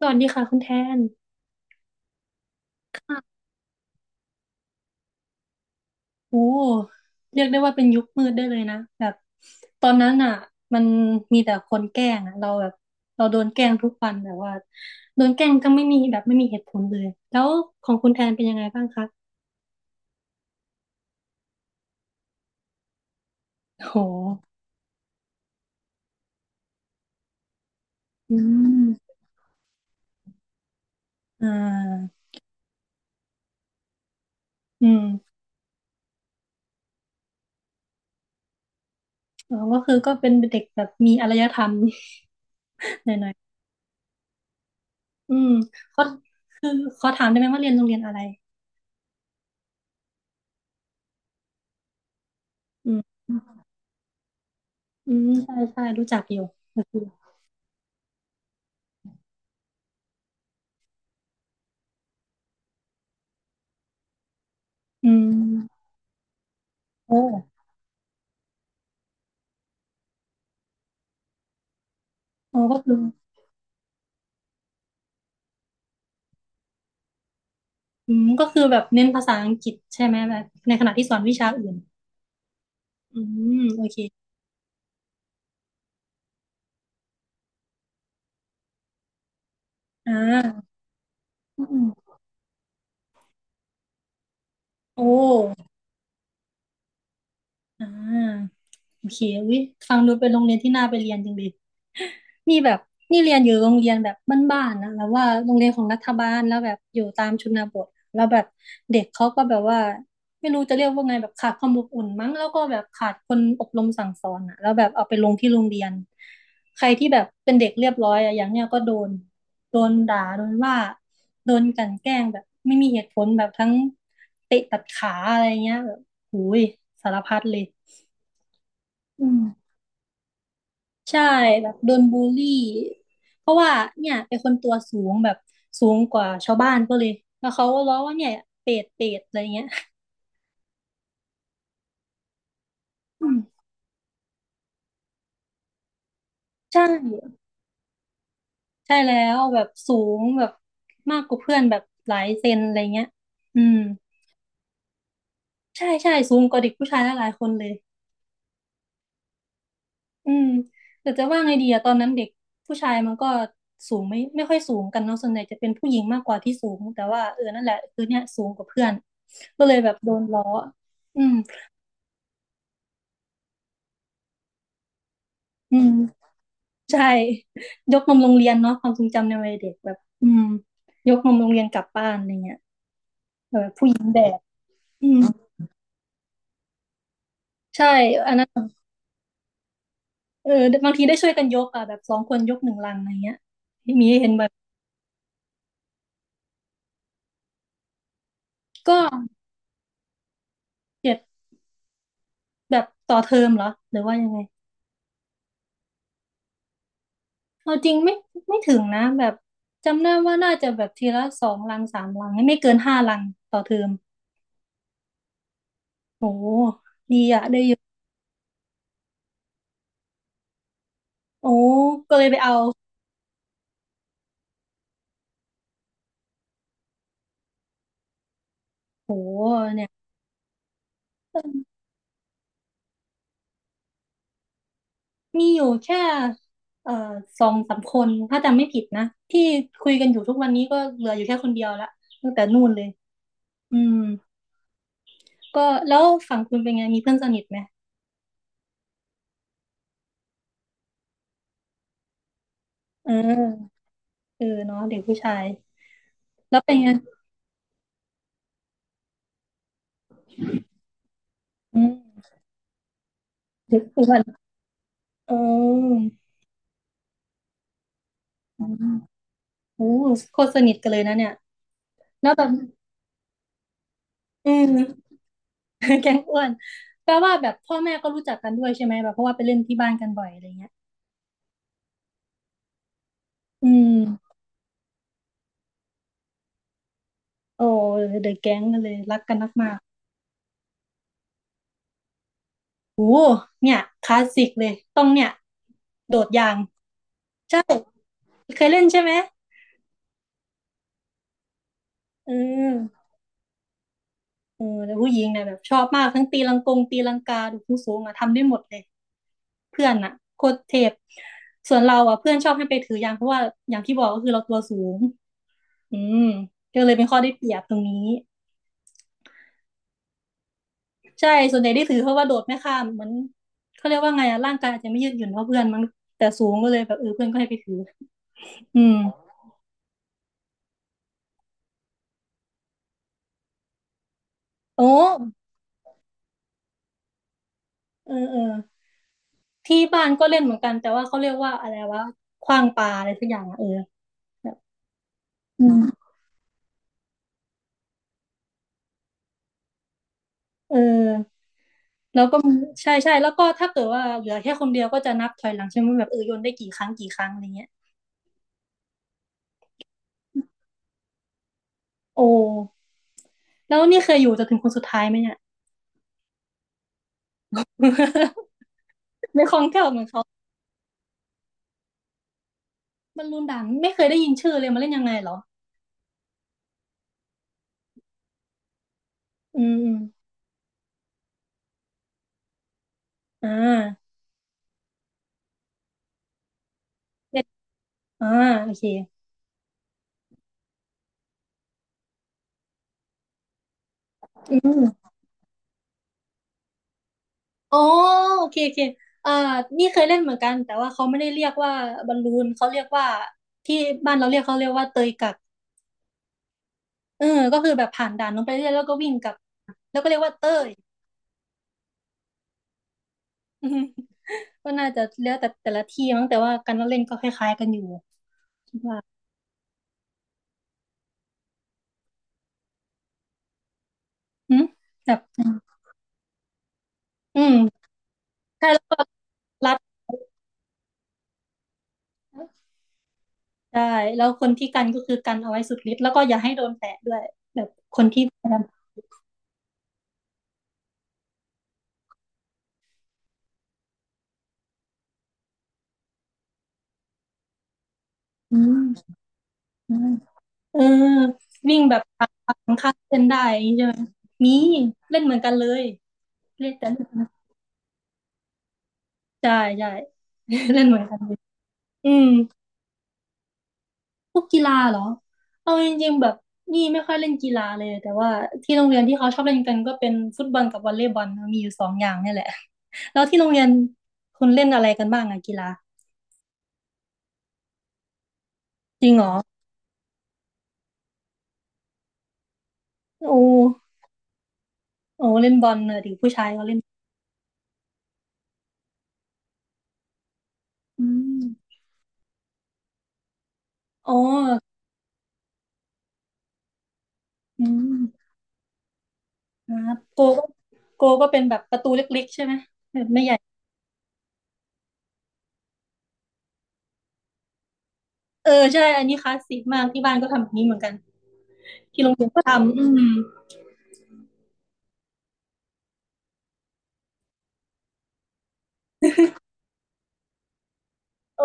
สวัสดีค่ะคุณแทนโอ้เรียกได้ว่าเป็นยุคมืดได้เลยนะแบบตอนนั้นอ่ะมันมีแต่คนแกล้งอ่ะเราแบบเราโดนแกล้งทุกวันแบบว่าโดนแกล้งก็ไม่มีแบบไม่มีเหตุผลเลยแล้วของคุณแทนเป็นยังไงบ้างคะโอ้โหอืมอ่าอืมอ๋อก็คือก็เป็นเด็กแบบมีอารยธรรม หน่อยๆอืมเขาคือขอถามได้ไหมว่าเรียนโรงเรียนอะไรอืมอืมใช่ใช่รู้จักอยู่ก็คืออืมโอ้โอ้ก็คือ อืมก็คือแบบเน้นภาษาอังกฤษใช่ไหมแบบในขณะที่สอนวิชาอื่นอืมโอเคอ่าอืมโอ้อ่า โอเควิฟังดูเป็นโรงเรียนที่น่าไปเรียนจริงดินี่แบบนี่เรียนอยู่โรงเรียนแบบบ้านๆนะแล้วว่าโรงเรียนของรัฐบาลแล้วแบบอยู่ตามชนบทแล้วแบบเด็กเขาก็แบบว่าไม่รู้จะเรียกว่าไงแบบขาดความอบอุ่นมั้งแล้วก็แบบขาดคนอบรมสั่งสอนอ่ะแล้วแบบเอาไปลงที่โรงเรียนใครที่แบบเป็นเด็กเรียบร้อยอ่ะอย่างเนี้ยก็โดนโดนด่าโดนว่าโดนกลั่นแกล้งแบบไม่มีเหตุผลแบบทั้งเตะตัดขาอะไรเงี้ยแบบหูยสารพัดเลยอืม ใช่แบบโดนบูลลี่เพราะว่าเนี่ยเป็นคนตัวสูงแบบสูงกว่าชาวบ้านก็เลยแล้วเขาก็ล้อว่าเนี่ยเป็ดเป็ดอะไรเงี้ยอืมใช่ใช่แล้วแบบสูงแบบมากกว่าเพื่อนแบบหลายเซนอะไรเงี้ยอืมใช่ใช่สูงกว่าเด็กผู้ชายหลายๆคนเลยอืมแต่จะว่าไงดีอะตอนนั้นเด็กผู้ชายมันก็สูงไม่ค่อยสูงกันเนาะส่วนใหญ่จะเป็นผู้หญิงมากกว่าที่สูงแต่ว่าเออนั่นแหละคือเนี่ยสูงกว่าเพื่อนก็เลยแบบโดนล้ออืมอืม ใช่ยกนมโรงเรียนเนาะความทรงจำในวัยเด็กแบบอืมยกนมโรงเรียนกลับบ้านอะไรเงี้ยเออผู้หญิงแบกอืมใช่อันนั้นเออบางทีได้ช่วยกันยกอ่ะแบบสองคนยกหนึ่งลังอะไรเงี้ยมีให้เห็นแบบก็เจ็ดแบบต่อเทอมเหรอหรือว่ายังไงเอาจริงไม่ถึงนะแบบจำได้ว่าน่าจะแบบทีละสองลังสามลังไม่เกินห้าลังต่อเทอมโอ้ดีอ่ะได้เยอะโอ้ก็เลยไปเอาโอ้เนี่ย มีอยู่แค่เอ่อสองสามคนถ้าจำไม่ผิดนะที่คุยกันอยู่ทุกวันนี้ก็เหลืออยู่แค่คนเดียวละตั้งแต่นู่นเลยอืมก็แล้วฝั่งคุณเป็นไงมีเพื่อนสนิทไหมเออเออเนาะเด็กผู้ชายแล้วเป็นไงอืมเด็กอ้วนเอออืมโอ้โคตรสนิทกันเลยนะเนี่ยแล้วแบบอืม แก๊งอ้วนแปลว่าแบบพ่อแม่ก็รู้จักกันด้วยใช่ไหมแบบเพราะว่าไปเล่นที่บ้านกันบ่อยอะไรเงี้ยอืมโอ้เดอะแก๊งกันเลยรักกันมาก โอ้เนี่ยคลาสสิกเลยต้องเนี่ยโดดยางเคยเล่นใช่ไหมเออเออแต่ผู้หญิงเนี่ยแบบชอบมากทั้งตีลังกงตีลังกาดูผู้สูงอะทำได้หมดเลยเพื่อนอะโคตรเทพส่วนเราอะเพื่อนชอบให้ไปถือยางเพราะว่าอย่างที่บอกก็คือเราตัวสูงอืมก็เลยเป็นข้อได้เปรียบตรงนี้ใช่ส่วนใหญ่ได้ถือเพราะว่าโดดไม่ข้ามเหมือนเขาเรียกว่าไงอะร่างกายอาจจะไม่ยืดหยุ่นเท่าเพื่อนมั้งแต่สูงก็เลยแบบเออเพื่อนก็ให้ไปถืออืมโอ้เออเออ ที่บ้านก็เล่นเหมือนกันแต่ว่าเขาเรียกว่าอะไรวะขว้างปลาอะไรสักอย่างอะเออแบบอืมเออแล้วก็ใช่ใช่แล้วก็ถ้าเกิดว่าเหลือแค่คนเดียวก็จะนับถอยหลังใช่ไหมแบบเออโยนได้กี่ครั้งกี่ครั้งอะไรเงี้ยโอ้แล้วนี่เคยอยู่จนถึงคนสุดท้ายไหมเนี่ย ไม่ คล่องแคล่วเหมือนเขาบอลลูนด่างไม่เคยได้ยินชื่อเลยมาเล่นยังไงเหรออืมอมอ่าเล่นอ่าโอเคอืม อ๋อโอเคโอเคอ่านี่เคยเล่นเหมือนกันแต่ว่าเขาไม่ได้เรียกว่าบอลลูนเขาเรียกว่าที่บ้านเราเรียกเขาเรียกว่าเตยกักเออก็คือแบบผ่านด่านลงไปเรื่อยแล้วก็วิ่งกลับแล้วก็เรียกว่าเตย อืมก็น่าจะแล้วแต่แต่ละที่มั้งแต่ว่าการเล่นก็คล้ายๆกันอยู่คิดว่าอืมแบบอืมใช่แล้วก็รัดใช่แล้วคนที่กันก็คือกันเอาไว้สุดฤทธิ์แล้วก็อย่าให้โดนแตะด้วยแบบคนที่พยายามอืม เออวิ่งแบบข้างข้างเส้นได้อย่างนี้ใช่ไหมมีเล่นเหมือนกันเลยเล่นแต่เล่นใช่ใช่ เล่นเหมือนกันเลยอืมพวกกีฬาเหรอเอาจริงๆแบบนี่ไม่ค่อยเล่นกีฬาเลยแต่ว่าที่โรงเรียนที่เขาชอบเล่นกันก็เป็นฟุตบอลกับวอลเลย์บอลนะมีอยู่สองอย่างนี่แหละ แล้วที่โรงเรียนคุณเล่นอะไรกันบ้างอะกีฬาจริงเหรอโอ้โอ้เล่นบอลเนอะดิผู้ชายเขาเล่นอืมอ๋ออืม ครับโกก็โกก็เป็นแบบประตูเล็กๆใช่ไหมแบบไม่ใหญ่เออใช่อันนี้คลาสสิกมากที่บ้านก็ทำแบบนี้เหมือนกันที่โรงเรียนก็ทำอืมโอ้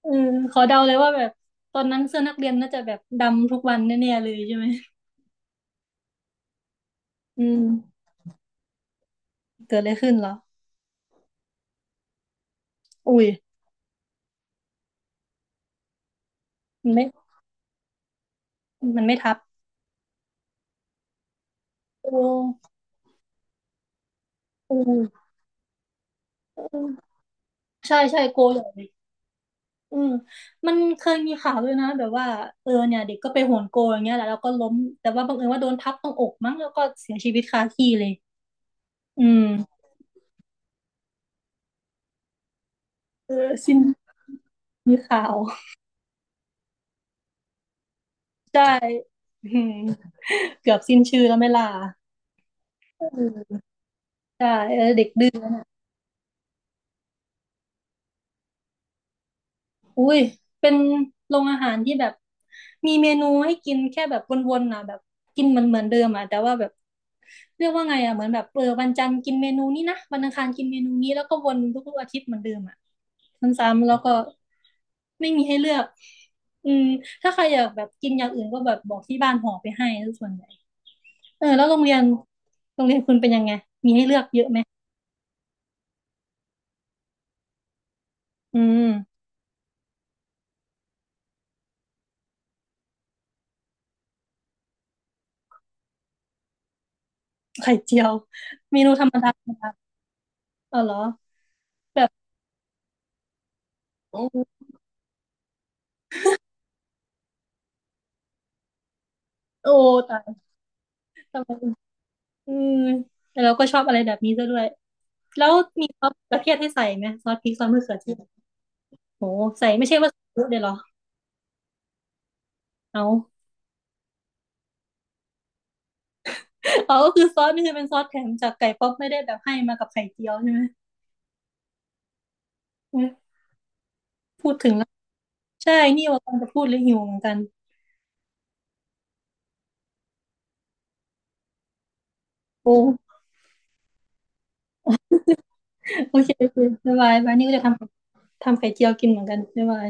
เออขอเดาเลยว่าแบบตอนนั้นเสื้อนักเรียนน่าจะแบบดำทุกวันแน่ๆเลยใช่ไหมอืมเกิดอะไรขึ้นเหรออุ้ยมันไม่มันไม่ทับโอ้โอ้ใช่ใช่โกใหญ่เลยอืมมันเคยมีข่าวด้วยนะแบบว่าเออเนี่ยเด็กก็ไปโหนโกอย่างเงี้ยแหละแล้วก็ล้มแต่ว่าบังเอิญว่าโดนทับตรงอกมั้งแล้วก็เสียชีวิตคาที่เลย อืมเออสิ้นมีข่าวใช่ อืมเกือบสิ้นชื่อแล้วไหม่ลาอืใช่เออเด็กดื้ออุ้ยเป็นโรงอาหารที่แบบมีเมนูให้กินแค่แบบวนๆนะแบบกินมันเหมือนเดิมอ่ะแต่ว่าแบบเรียกว่าไงอ่ะเหมือนแบบเออวันจันทร์กินเมนูนี้นะวันอังคารกินเมนูนี้แล้วก็วนทุกๆอาทิตย์เหมือนเดิมอ่ะซ้ำๆแล้วก็ไม่มีให้เลือกอืมถ้าใครอยากแบบกินอย่างอื่นก็แบบบอกที่บ้านห่อไปให้ส่วนใหญ่ เออแล้วโรงเรียนโรงเรียนคุณเป็นยังไงมีให้เลือกเยอะไหมอืมไข่เจียวเมนูธรรมดาธรรมดาเออเหรอแบบโอ้โอ้ตายทำไมอืมแต่เราก็ชอบอะไรแบบนี้ซะด้วยแล้วมีซอสมะเขือเทศให้ใส่ไหมซอสพริกซอสมะเขือเทศโอ้ใส่ไม่ใช่ว่าใส่เยอะเลยเหรอเอาเอาก็คือซอสนี่คือเป็นซอสแถมจากไก่ป๊อปไม่ได้แบบให้มากับไข่เจียวใช่ไหมเออพูดถึงแล้วใช่นี่ว่ากำลังจะพูดเลยหิวเหมือนกันโอ้โอเคโอเคบ๊ายบายบายนี่ก็จะทำ ทำไข่เจียวกินเหมือนกันไม่เป็